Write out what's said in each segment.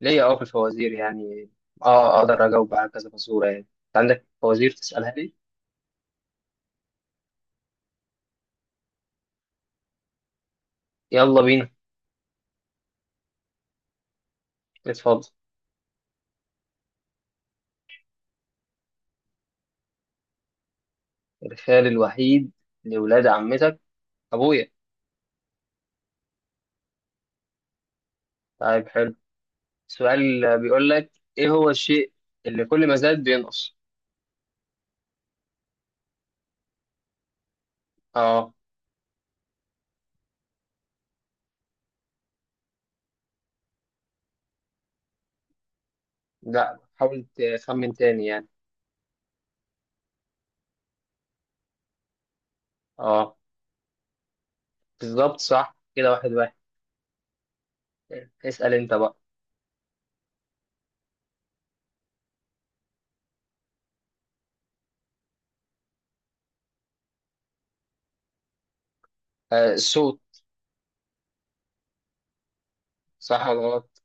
ليا، في الفوازير يعني. اه اقدر اجاوب على كذا فزوره. يعني انت عندك فوازير تسالها لي؟ يلا بينا. اتفضل. الخال الوحيد لولاد عمتك، ابويا. طيب حلو. سؤال بيقول لك، ايه هو الشيء اللي كل ما زاد بينقص؟ اه. لا حاول تخمن تاني يعني. اه، بالظبط، صح كده، واحد واحد. اسال انت بقى. آه، الصوت. صح ولا غلط؟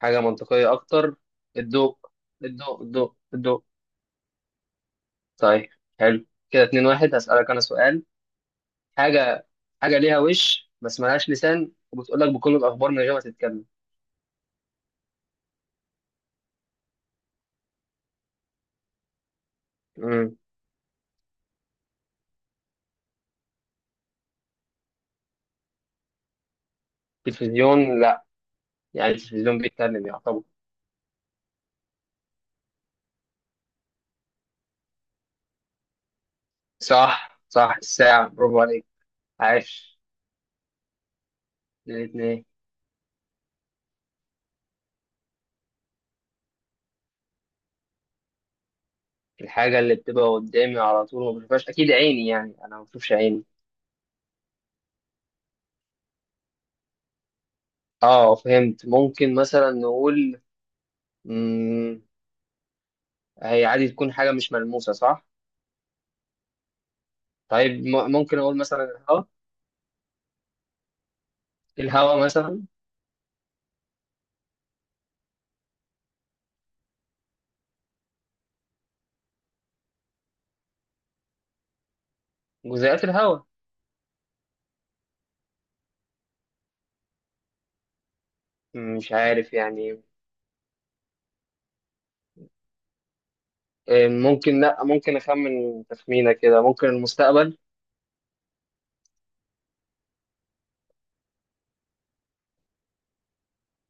حاجه منطقيه اكتر. الضوء الضوء. طيب حلو كده، اتنين واحد. هسألك أنا سؤال. حاجة حاجة ليها وش بس ملهاش لسان، وبتقول لك بكل الأخبار من غير ما تتكلم. امم تلفزيون لا. يعني التلفزيون بيتكلم يعتبر. صح صح، الساعة، برافو عليك. عاش. اتنين اتنين. الحاجة اللي بتبقى قدامي على طول ما بشوفهاش أكيد عيني، يعني أنا ما بشوفش عيني. اه فهمت، ممكن مثلا نقول مم. هي عادي تكون حاجة مش ملموسة، صح؟ طيب ممكن أقول مثلا الهواء. الهواء مثلا. جزيئات الهواء. مش عارف يعني. آه، ممكن، لا ممكن اخمن تخمينه كده، ممكن المستقبل.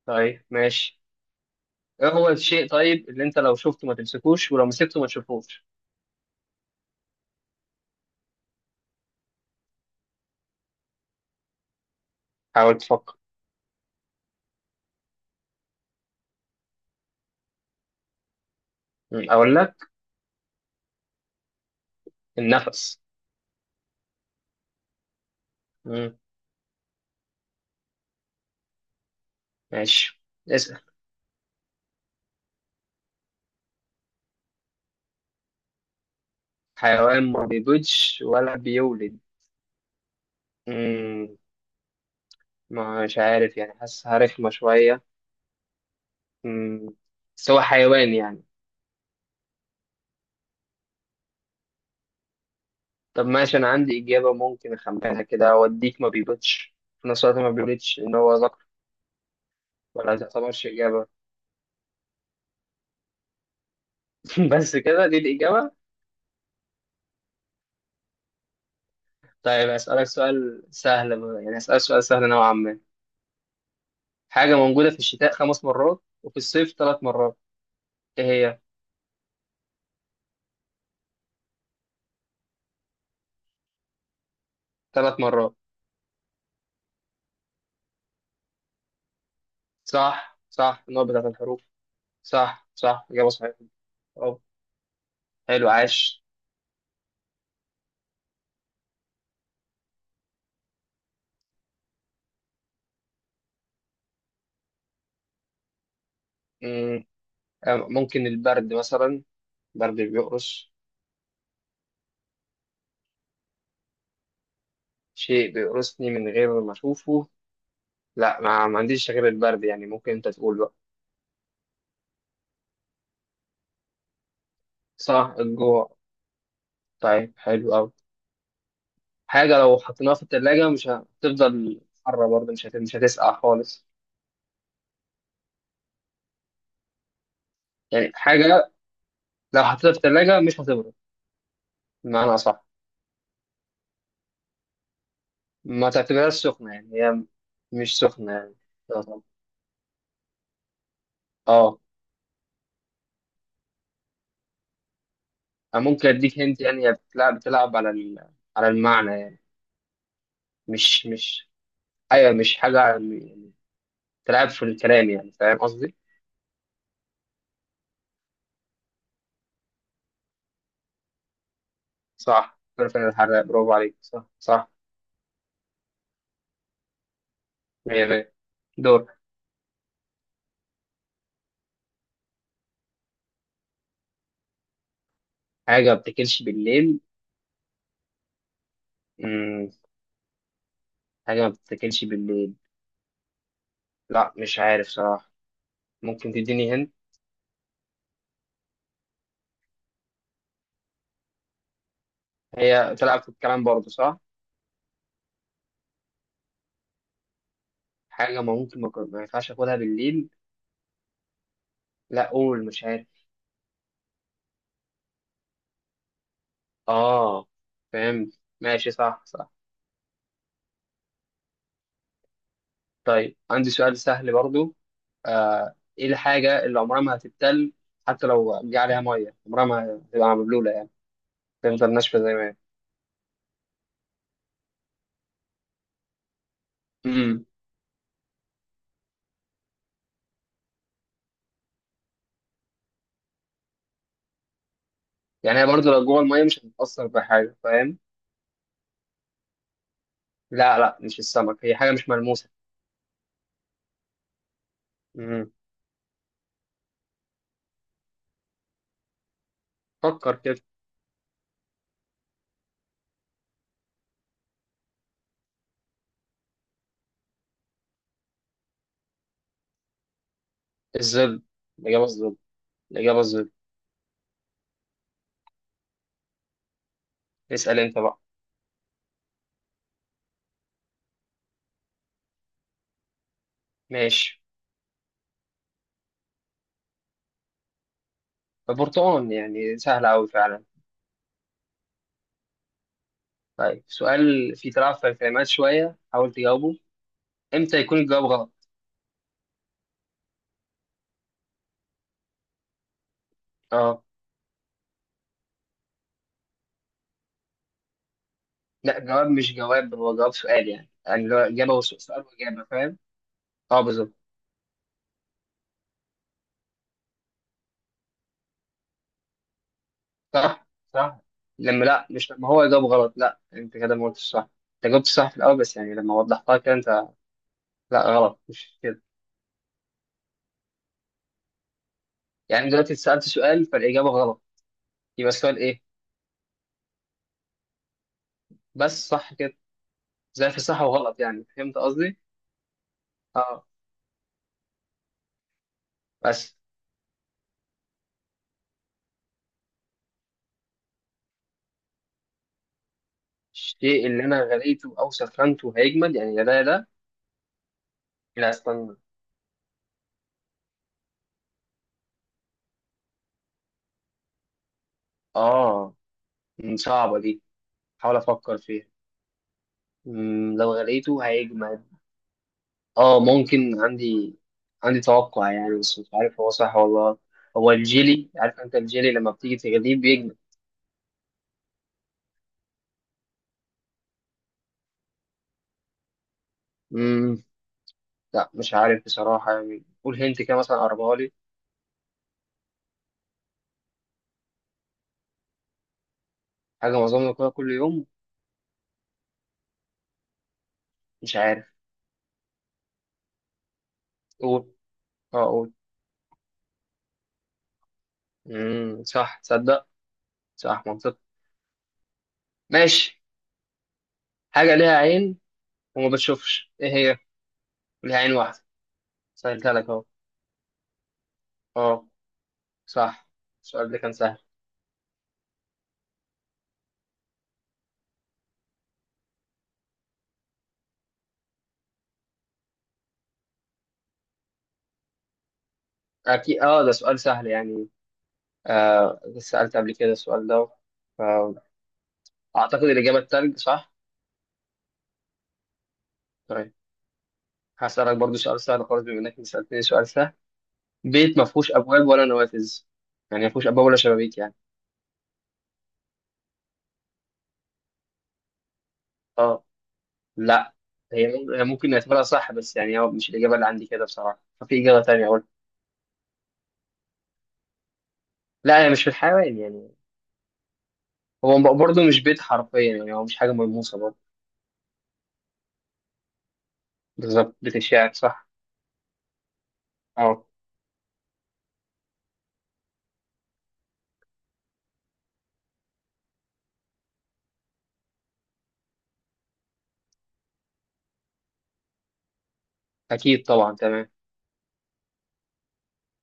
طيب ماشي. ايه هو الشيء طيب اللي انت لو شفته ما تمسكوش، ولو مسكته ما تشوفوش؟ حاول تفكر. اقول لك، النفس. مم، ماشي. اسأل. حيوان ما بيبيضش ولا بيولد. مم، مش عارف يعني، حاسسها رخمة شوية. مم، بس هو حيوان يعني. طب ماشي، انا عندي اجابة. موديك ما بيبيضش في نفس الوقت، ما بيولدش ان هو ذكر. ولا ما تعتبرش إجابة؟ بس كده دي الإجابة. طيب هسألك سؤال سهل بقى، يعني هسألك سؤال سهل نوعا ما. حاجة موجودة في الشتاء خمس مرات، وفي الصيف ثلاث مرات. إيه هي؟ ثلاث مرات. صح صح، النوع بتاعت الحروف. صح صح، إجابة صحيحة. أه. حلو، عاش. مم، ممكن البرد مثلا. برد بيقرص. شيء بيقرصني من غير ما أشوفه. لا، ما عنديش غير البرد، يعني ممكن أنت تقول بقى. صح، الجوع. طيب حلو أوي. حاجة لو حطيناها في التلاجة مش هتفضل حرة، برضه مش هتسقع خالص. يعني حاجة لو حطيتها في التلاجة مش هتبرد، بمعنى أصح. ما تعتبرهاش سخنة، يعني هي مش سخنة يعني. اه. أنا ممكن أديك هنت، يعني هي بتلعب على على المعنى يعني. مش مش أيوة، مش حاجة يعني، بتلعب في الكلام، يعني فاهم قصدي؟ صح، كرة الحراق، برافو عليك، صح صح. مية مية. دور. حاجة ما بتاكلش بالليل. مم. حاجة ما بتاكلش بالليل. لا مش عارف صراحة. ممكن تديني هند. هي تلعب في الكلام برضه، صح؟ حاجة ما ممكن ما كن- ما ينفعش اخدها بالليل. لا قول، مش عارف. اه فهمت ماشي، صح صح. طيب عندي سؤال سهل برضه. آه، ايه الحاجة اللي عمرها ما هتتبل، حتى لو جه عليها مية عمرها ما هتبقى مبلولة يعني، تفضل ناشفة زي ما هي. امم يعني هي برضه لو جوه المية مش هتتأثر بحاجة، فاهم؟ لا لا، مش السمك، هي حاجة مش ملموسة. امم فكر كده. الظل. الإجابة الظل. الإجابة الظل. اسأل انت بقى. ماشي. البرتقال، يعني سهل أوي فعلا. طيب سؤال فيه تلعب في الكلمات شوية، حاول تجاوبه. امتى يكون الجواب غلط؟ اه. لا، جواب مش جواب، هو جواب سؤال، يعني اللي هو إجابة وسؤال، سؤال وإجابة، فاهم؟ اه بالظبط. صح صح. لما لا مش لما هو يجاوب غلط، لا انت كده ما قلتش صح. انت جاوبت صح في الأول، بس يعني لما وضحتها كده انت. لا غلط مش كده. يعني دلوقتي سألت سؤال فالإجابة غلط، يبقى السؤال ايه؟ بس صح كده. زي في صح وغلط، يعني فهمت قصدي؟ اه بس. الشيء اللي أنا غليته أو سخنته هيجمد، يعني يا ده يا ده. لا استنى. آه. صعبة دي. حاول أفكر فيها. لو غليته هيجمد. آه ممكن عندي توقع يعني، بس مش عارف هو صح ولا غلط. هو الجيلي، عارف أنت الجيلي لما بتيجي تغليه بيجمد. مم. لا مش عارف بصراحة، يعني قول هنت كده مثلا، قربها لي. حاجة معظمنا كلها كل يوم. مش عارف. قول. اه قول. صح تصدق. صح، منطق. ماشي. حاجة ليها عين وما بتشوفش، ايه هي؟ ليه عين واحدة. سهلتها لك اهو. اه. صح. السؤال ده كان سهل. اكيد اه، ده سؤال سهل يعني. آه سألت قبل كده السؤال ده، فأعتقد الإجابة التلج، صح؟ طيب هسألك برضو سؤال سهل خالص، بما إنك سألتني سؤال سهل. بيت ما فيهوش أبواب ولا نوافذ، يعني ما فيهوش أبواب ولا شبابيك يعني. اه. لا هي ممكن نعتبرها صح، بس يعني هو مش الإجابة اللي عندي كده بصراحة، ففي إجابة تانية أقول. لا هي مش في الحيوان يعني، هو برضو مش بيت حرفيا يعني، هو مش حاجة ملموسة برضه. بالظبط، بتشاعر، صح. اه أكيد طبعا تمام.